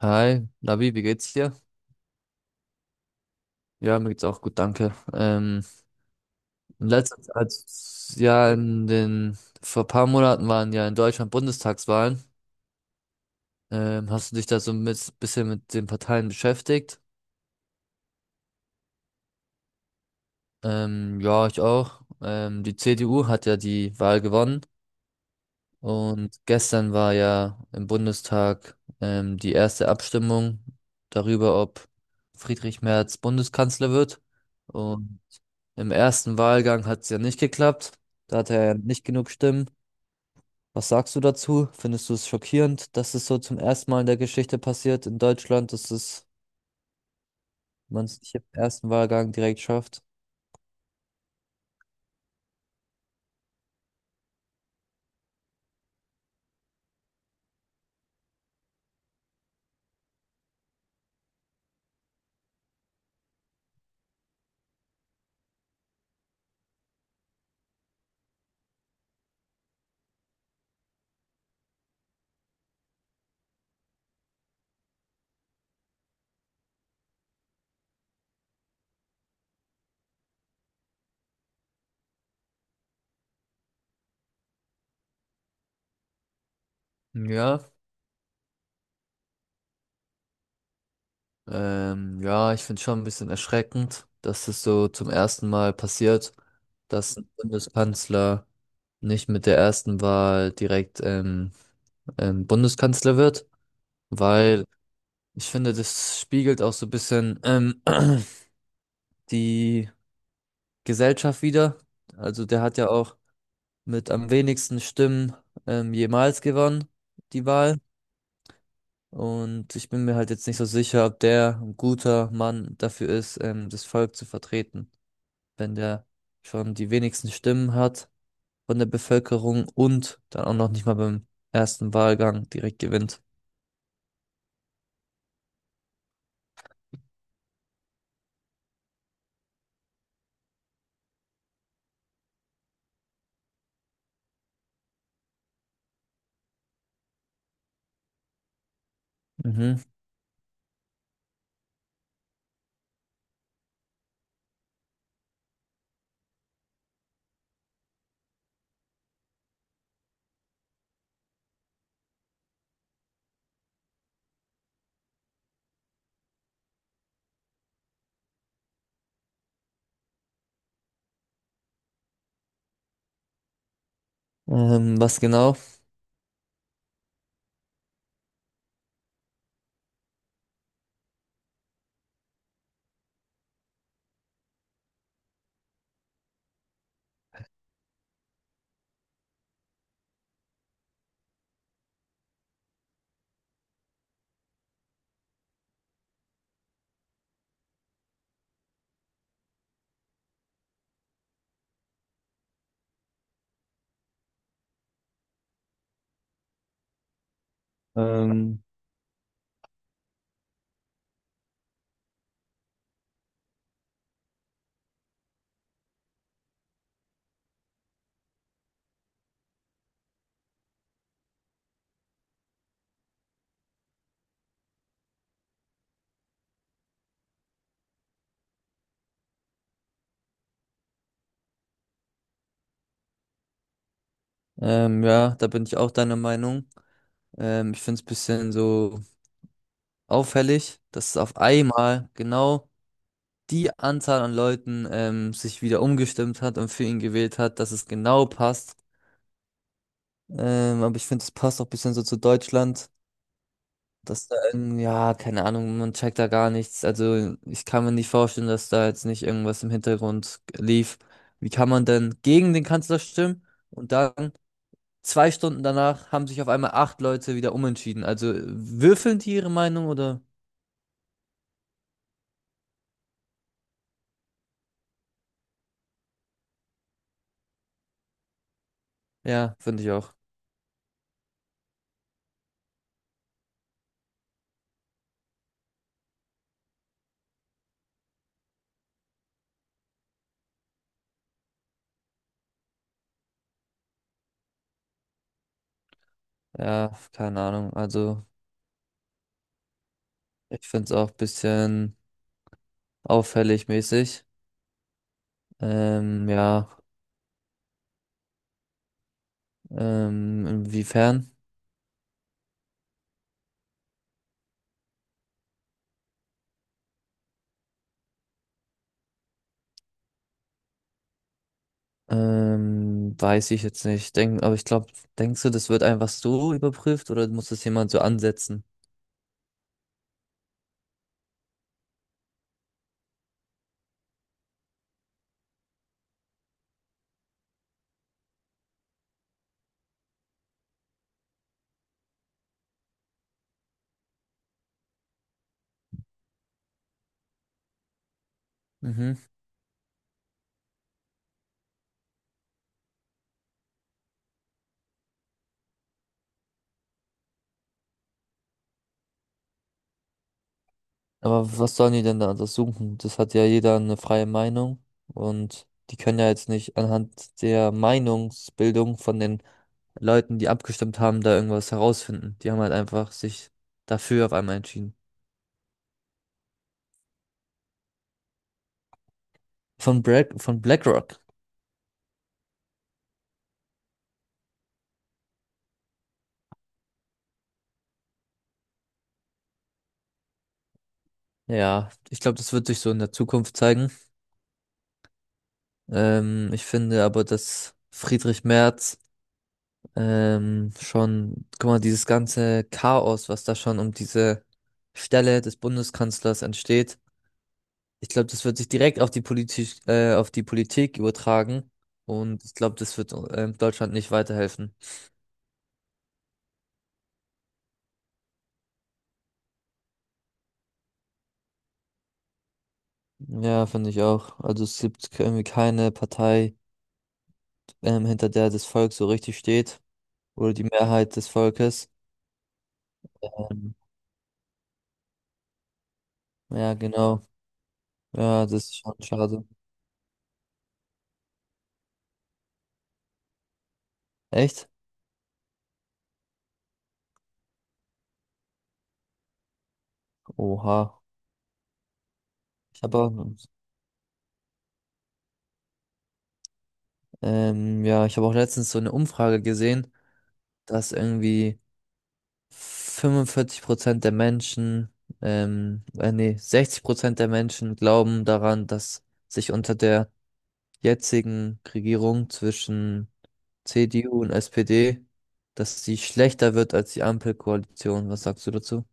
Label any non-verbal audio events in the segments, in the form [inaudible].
Hi, Lavi, wie geht's dir? Ja, mir geht's auch gut, danke. In letzter Zeit, ja, vor ein paar Monaten waren ja in Deutschland Bundestagswahlen. Hast du dich da so ein bisschen mit den Parteien beschäftigt? Ja, ich auch. Die CDU hat ja die Wahl gewonnen und gestern war ja im Bundestag die erste Abstimmung darüber, ob Friedrich Merz Bundeskanzler wird. Und im ersten Wahlgang hat es ja nicht geklappt. Da hat er ja nicht genug Stimmen. Was sagst du dazu? Findest du es schockierend, dass es so zum ersten Mal in der Geschichte passiert in Deutschland, dass es man es nicht im ersten Wahlgang direkt schafft? Ja, ja, ich finde schon ein bisschen erschreckend, dass es so zum ersten Mal passiert, dass ein Bundeskanzler nicht mit der ersten Wahl direkt Bundeskanzler wird, weil ich finde, das spiegelt auch so ein bisschen [clears throat] die Gesellschaft wieder. Also der hat ja auch mit am wenigsten Stimmen jemals gewonnen, die Wahl. Und ich bin mir halt jetzt nicht so sicher, ob der ein guter Mann dafür ist, das Volk zu vertreten, wenn der schon die wenigsten Stimmen hat von der Bevölkerung und dann auch noch nicht mal beim ersten Wahlgang direkt gewinnt. Mhm. Was genau? Ähm, ja, da bin ich auch deiner Meinung. Ich finde es ein bisschen so auffällig, dass auf einmal genau die Anzahl an Leuten sich wieder umgestimmt hat und für ihn gewählt hat, dass es genau passt. Aber ich finde, es passt auch ein bisschen so zu Deutschland, dass da, ja, keine Ahnung, man checkt da gar nichts. Also ich kann mir nicht vorstellen, dass da jetzt nicht irgendwas im Hintergrund lief. Wie kann man denn gegen den Kanzler stimmen und dann zwei Stunden danach haben sich auf einmal acht Leute wieder umentschieden? Also würfeln die ihre Meinung oder? Ja, finde ich auch. Ja, keine Ahnung. Also, ich finde es auch ein bisschen auffällig mäßig. Ähm, ja, Inwiefern? Weiß ich jetzt nicht. Aber ich glaube, denkst du, das wird einfach so überprüft oder muss das jemand so ansetzen? Mhm. Aber was sollen die denn da untersuchen? Das hat ja jeder eine freie Meinung und die können ja jetzt nicht anhand der Meinungsbildung von den Leuten, die abgestimmt haben, da irgendwas herausfinden. Die haben halt einfach sich dafür auf einmal entschieden. Von von BlackRock. Ja, ich glaube, das wird sich so in der Zukunft zeigen. Ich finde aber, dass Friedrich Merz schon, guck mal, dieses ganze Chaos, was da schon um diese Stelle des Bundeskanzlers entsteht, ich glaube, das wird sich direkt auf die Politik übertragen. Und ich glaube, das wird Deutschland nicht weiterhelfen. Ja, finde ich auch. Also es gibt irgendwie keine Partei, hinter der das Volk so richtig steht oder die Mehrheit des Volkes. Ähm, Ja, genau. Ja, das ist schon schade. Echt? Oha. Ich habe auch, ja, ich habe auch letztens so eine Umfrage gesehen, dass irgendwie 45% der Menschen, nee, 60% der Menschen glauben daran, dass sich unter der jetzigen Regierung zwischen CDU und SPD, dass sie schlechter wird als die Ampelkoalition. Was sagst du dazu?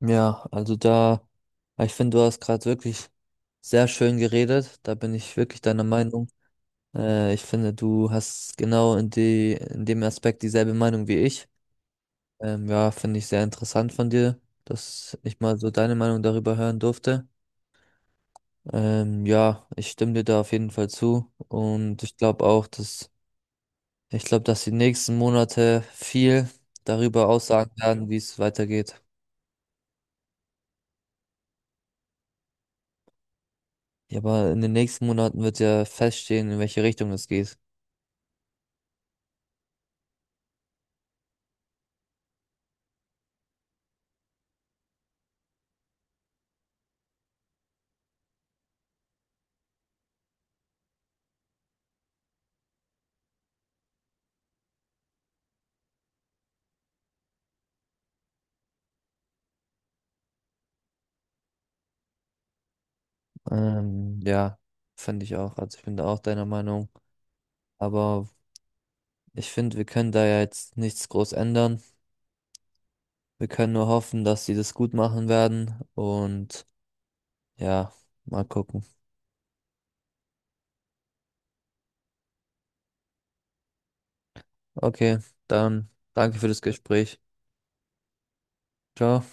Ja, also da, Ich finde, du hast gerade wirklich sehr schön geredet. Da bin ich wirklich deiner Meinung. Ich finde, du hast genau in dem Aspekt dieselbe Meinung wie ich. Ja, finde ich sehr interessant von dir, dass ich mal so deine Meinung darüber hören durfte. Ja, ich stimme dir da auf jeden Fall zu. Ich glaube, dass die nächsten Monate viel darüber aussagen werden, wie es weitergeht. Ja, aber in den nächsten Monaten wird ja feststehen, in welche Richtung es geht. Ja, finde ich auch. Also ich bin da auch deiner Meinung. Aber ich finde, wir können da ja jetzt nichts groß ändern. Wir können nur hoffen, dass sie das gut machen werden. Und ja, mal gucken. Okay, dann danke für das Gespräch. Ciao.